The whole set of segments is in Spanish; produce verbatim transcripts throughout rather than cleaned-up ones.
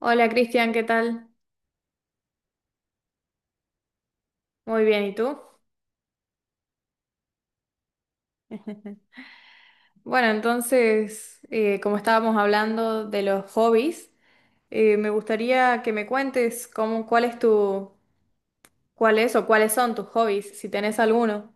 Hola Cristian, ¿qué tal? Muy bien, ¿y tú? Bueno, entonces, eh, como estábamos hablando de los hobbies, eh, me gustaría que me cuentes cómo, cuál es tu, cuál es o cuáles son tus hobbies, si tenés alguno.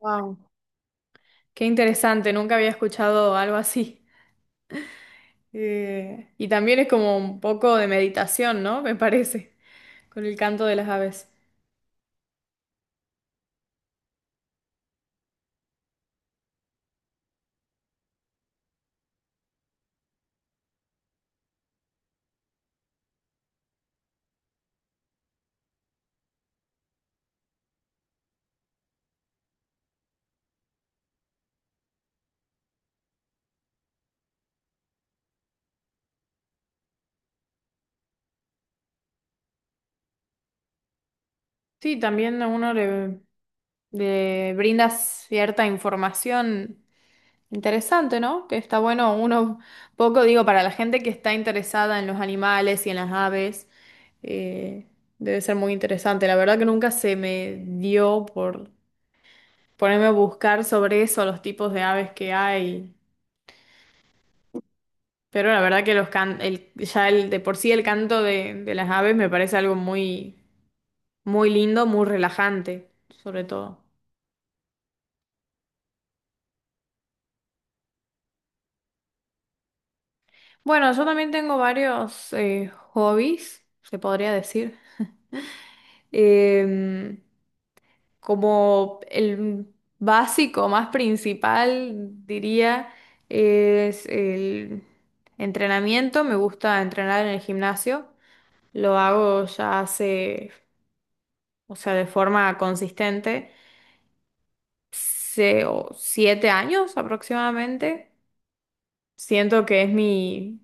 Wow. Qué interesante, nunca había escuchado algo así. Eh, y también es como un poco de meditación, ¿no? Me parece, con el canto de las aves. Sí, también a uno le, le brinda cierta información interesante, ¿no? Que está bueno uno poco, digo, para la gente que está interesada en los animales y en las aves, eh, debe ser muy interesante. La verdad que nunca se me dio por ponerme a buscar sobre eso, los tipos de aves que hay. Pero la verdad que los can el, ya el, de por sí el canto de, de las aves me parece algo muy, muy lindo, muy relajante, sobre todo. Bueno, yo también tengo varios eh, hobbies, se podría decir. Em, Como el básico, más principal, diría, es el entrenamiento. Me gusta entrenar en el gimnasio. Lo hago ya hace, o sea, de forma consistente, se- o siete años aproximadamente. Siento que es mi,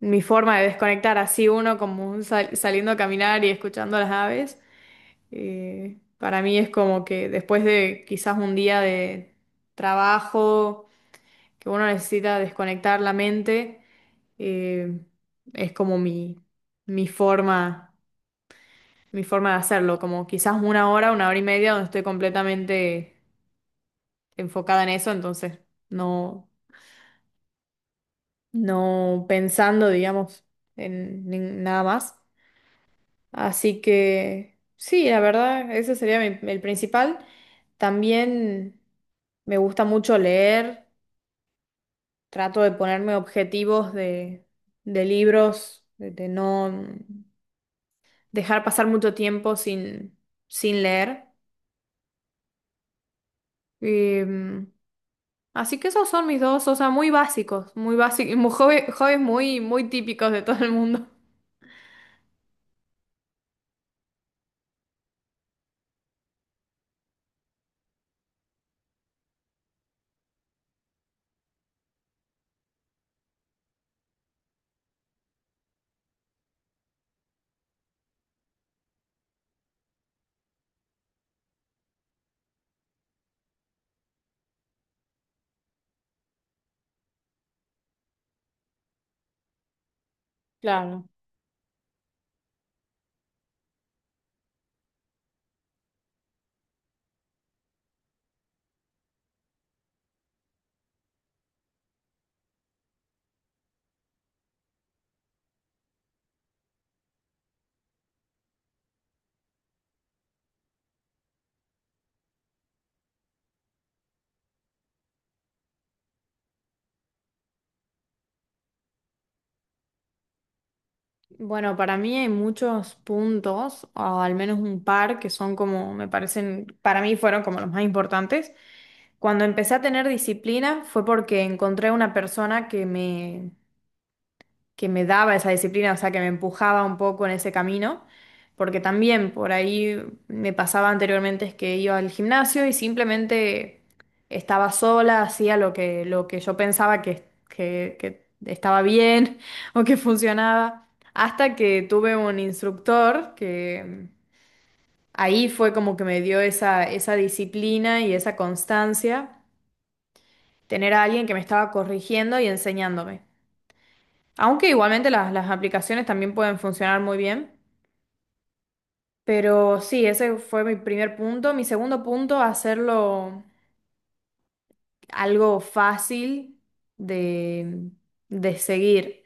mi forma de desconectar, así uno como un sal- saliendo a caminar y escuchando las aves. Eh, para mí es como que después de quizás un día de trabajo, que uno necesita desconectar la mente, eh, es como mi, mi forma, mi forma de hacerlo, como quizás una hora, una hora y media donde estoy completamente enfocada en eso, entonces no, no pensando, digamos, en, en nada más. Así que sí, la verdad, ese sería mi- el principal. También me gusta mucho leer, trato de ponerme objetivos de, de libros, de, de no dejar pasar mucho tiempo sin, sin leer. Em, Así que esos son mis dos, o sea, muy básicos, muy básicos, hobbies muy, muy típicos de todo el mundo. Claro. Bueno, para mí hay muchos puntos, o al menos un par, que son como, me parecen, para mí fueron como los más importantes. Cuando empecé a tener disciplina fue porque encontré una persona que me, que me daba esa disciplina, o sea, que me empujaba un poco en ese camino, porque también por ahí me pasaba anteriormente es que iba al gimnasio y simplemente estaba sola, hacía lo que, lo que yo pensaba que, que, que estaba bien o que funcionaba, hasta que tuve un instructor que ahí fue como que me dio esa, esa disciplina y esa constancia, tener a alguien que me estaba corrigiendo y enseñándome. Aunque igualmente las, las aplicaciones también pueden funcionar muy bien. Pero sí, ese fue mi primer punto. Mi segundo punto, hacerlo algo fácil de, de seguir.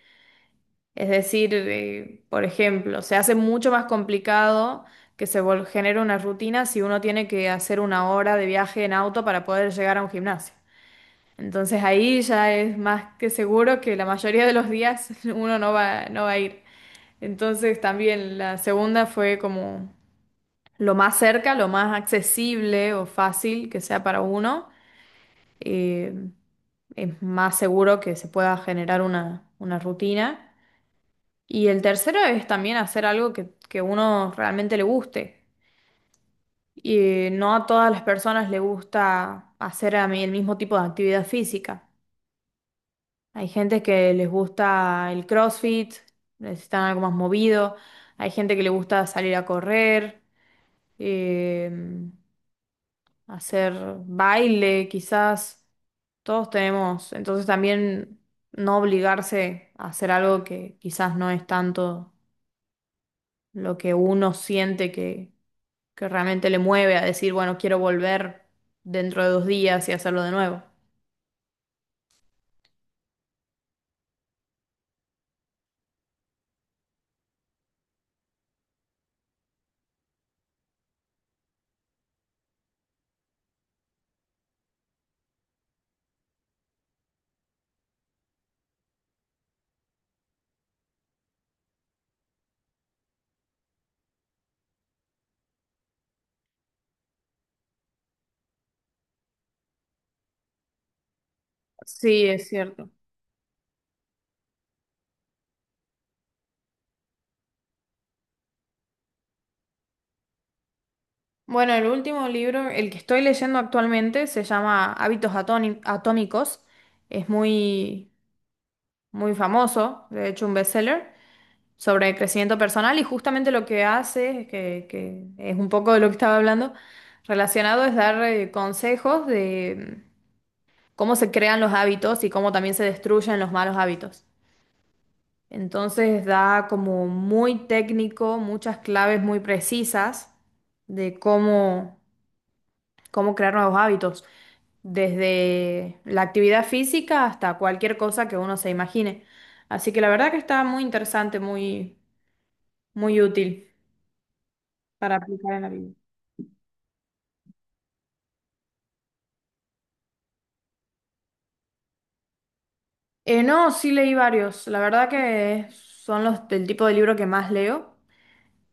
Es decir, eh, por ejemplo, se hace mucho más complicado que se vol- genere una rutina si uno tiene que hacer una hora de viaje en auto para poder llegar a un gimnasio. Entonces ahí ya es más que seguro que la mayoría de los días uno no va, no va a ir. Entonces también la segunda fue como lo más cerca, lo más accesible o fácil que sea para uno. eh, es más seguro que se pueda generar una, una rutina. Y el tercero es también hacer algo que, que uno realmente le guste. Y eh, no a todas las personas les gusta hacer a mí el mismo tipo de actividad física. Hay gente que les gusta el CrossFit, necesitan algo más movido. Hay gente que le gusta salir a correr. em, Hacer baile, quizás. Todos tenemos, entonces también no obligarse a hacer algo que quizás no es tanto lo que uno siente que, que realmente le mueve a decir, bueno, quiero volver dentro de dos días y hacerlo de nuevo. Sí, es cierto. Bueno, el último libro, el que estoy leyendo actualmente, se llama Hábitos Atóni- Atómicos. Es muy, muy famoso, de hecho, un bestseller, sobre crecimiento personal y justamente lo que hace, es que, que es un poco de lo que estaba hablando, relacionado es dar eh, consejos de mm, cómo se crean los hábitos y cómo también se destruyen los malos hábitos. Entonces da como muy técnico, muchas claves muy precisas de cómo, cómo crear nuevos hábitos, desde la actividad física hasta cualquier cosa que uno se imagine. Así que la verdad que está muy interesante, muy, muy útil para aplicar en la vida. Eh, no, sí leí varios. La verdad que son los del tipo de libro que más leo.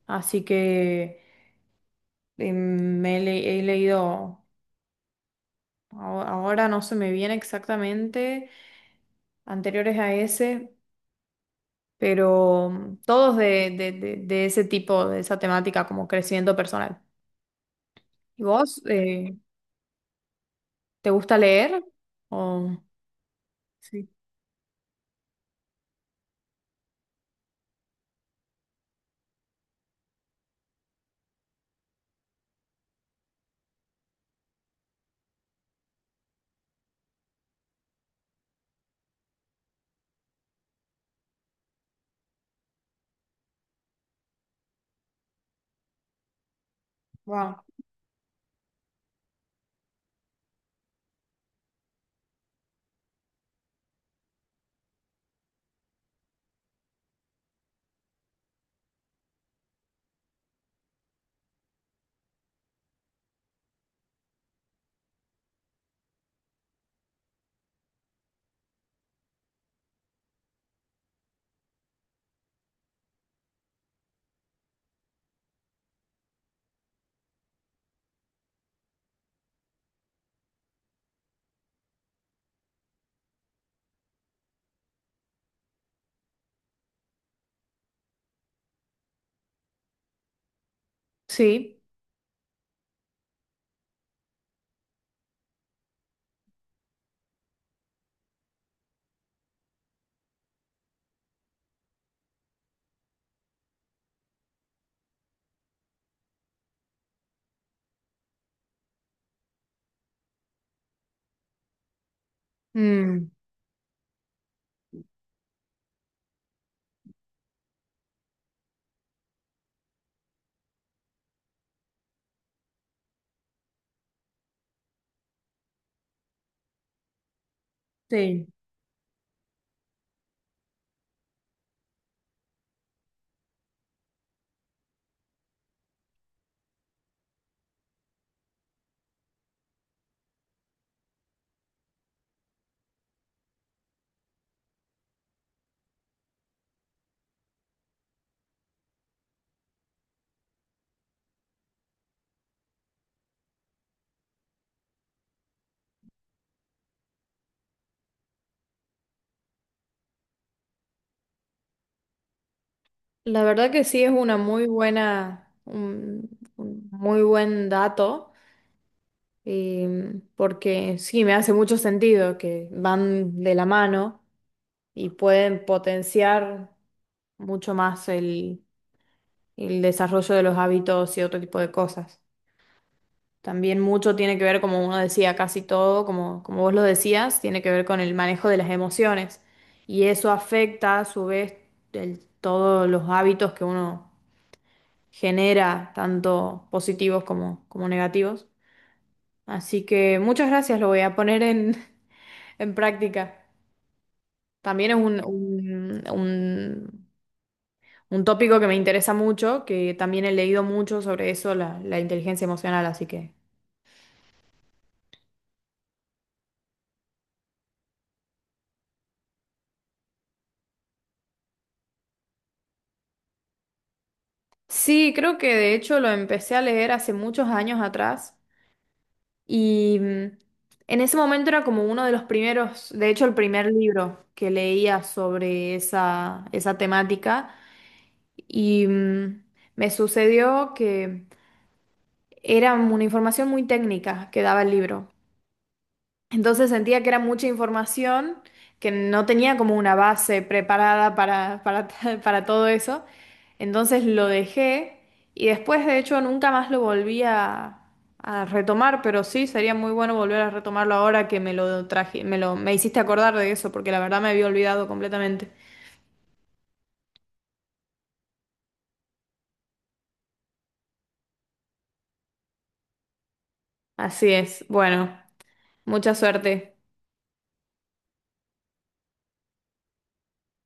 Así que eh, me le- he leído, aho- ahora no se me viene exactamente, anteriores a ese, pero mm, todos de, de- de- de ese tipo, de esa temática como crecimiento personal. ¿Y vos? Eh, ¿te gusta leer? O- Sí. Wow. Sí. Mm, sí. La verdad que sí es una muy buena, un, un muy buen dato, eh, porque sí, me hace mucho sentido que van de la mano y pueden potenciar mucho más el, el desarrollo de los hábitos y otro tipo de cosas. También mucho tiene que ver, como uno decía, casi todo, como, como vos lo decías, tiene que ver con el manejo de las emociones y eso afecta a su vez el- todos los hábitos que uno genera tanto positivos como, como negativos. Así que muchas gracias, lo voy a poner en, en práctica. También es un, un, un- un tópico que me interesa mucho, que también he leído mucho sobre eso, la, la inteligencia emocional, así que... Sí, creo que de hecho lo empecé a leer hace muchos años atrás y mm, en ese momento era como uno de los primeros, de hecho el primer libro que leía sobre esa, esa temática. Y mm, me sucedió que era una información muy técnica que daba el libro. Entonces sentía que era mucha información, que no tenía como una base preparada para, para, para todo eso. Entonces lo dejé y después, de hecho, nunca más lo volví a, a retomar, pero sí, sería muy bueno volver a retomarlo ahora que me lo traje, me lo, me hiciste acordar de eso, porque la verdad me había olvidado completamente. Así es. Bueno, mucha suerte.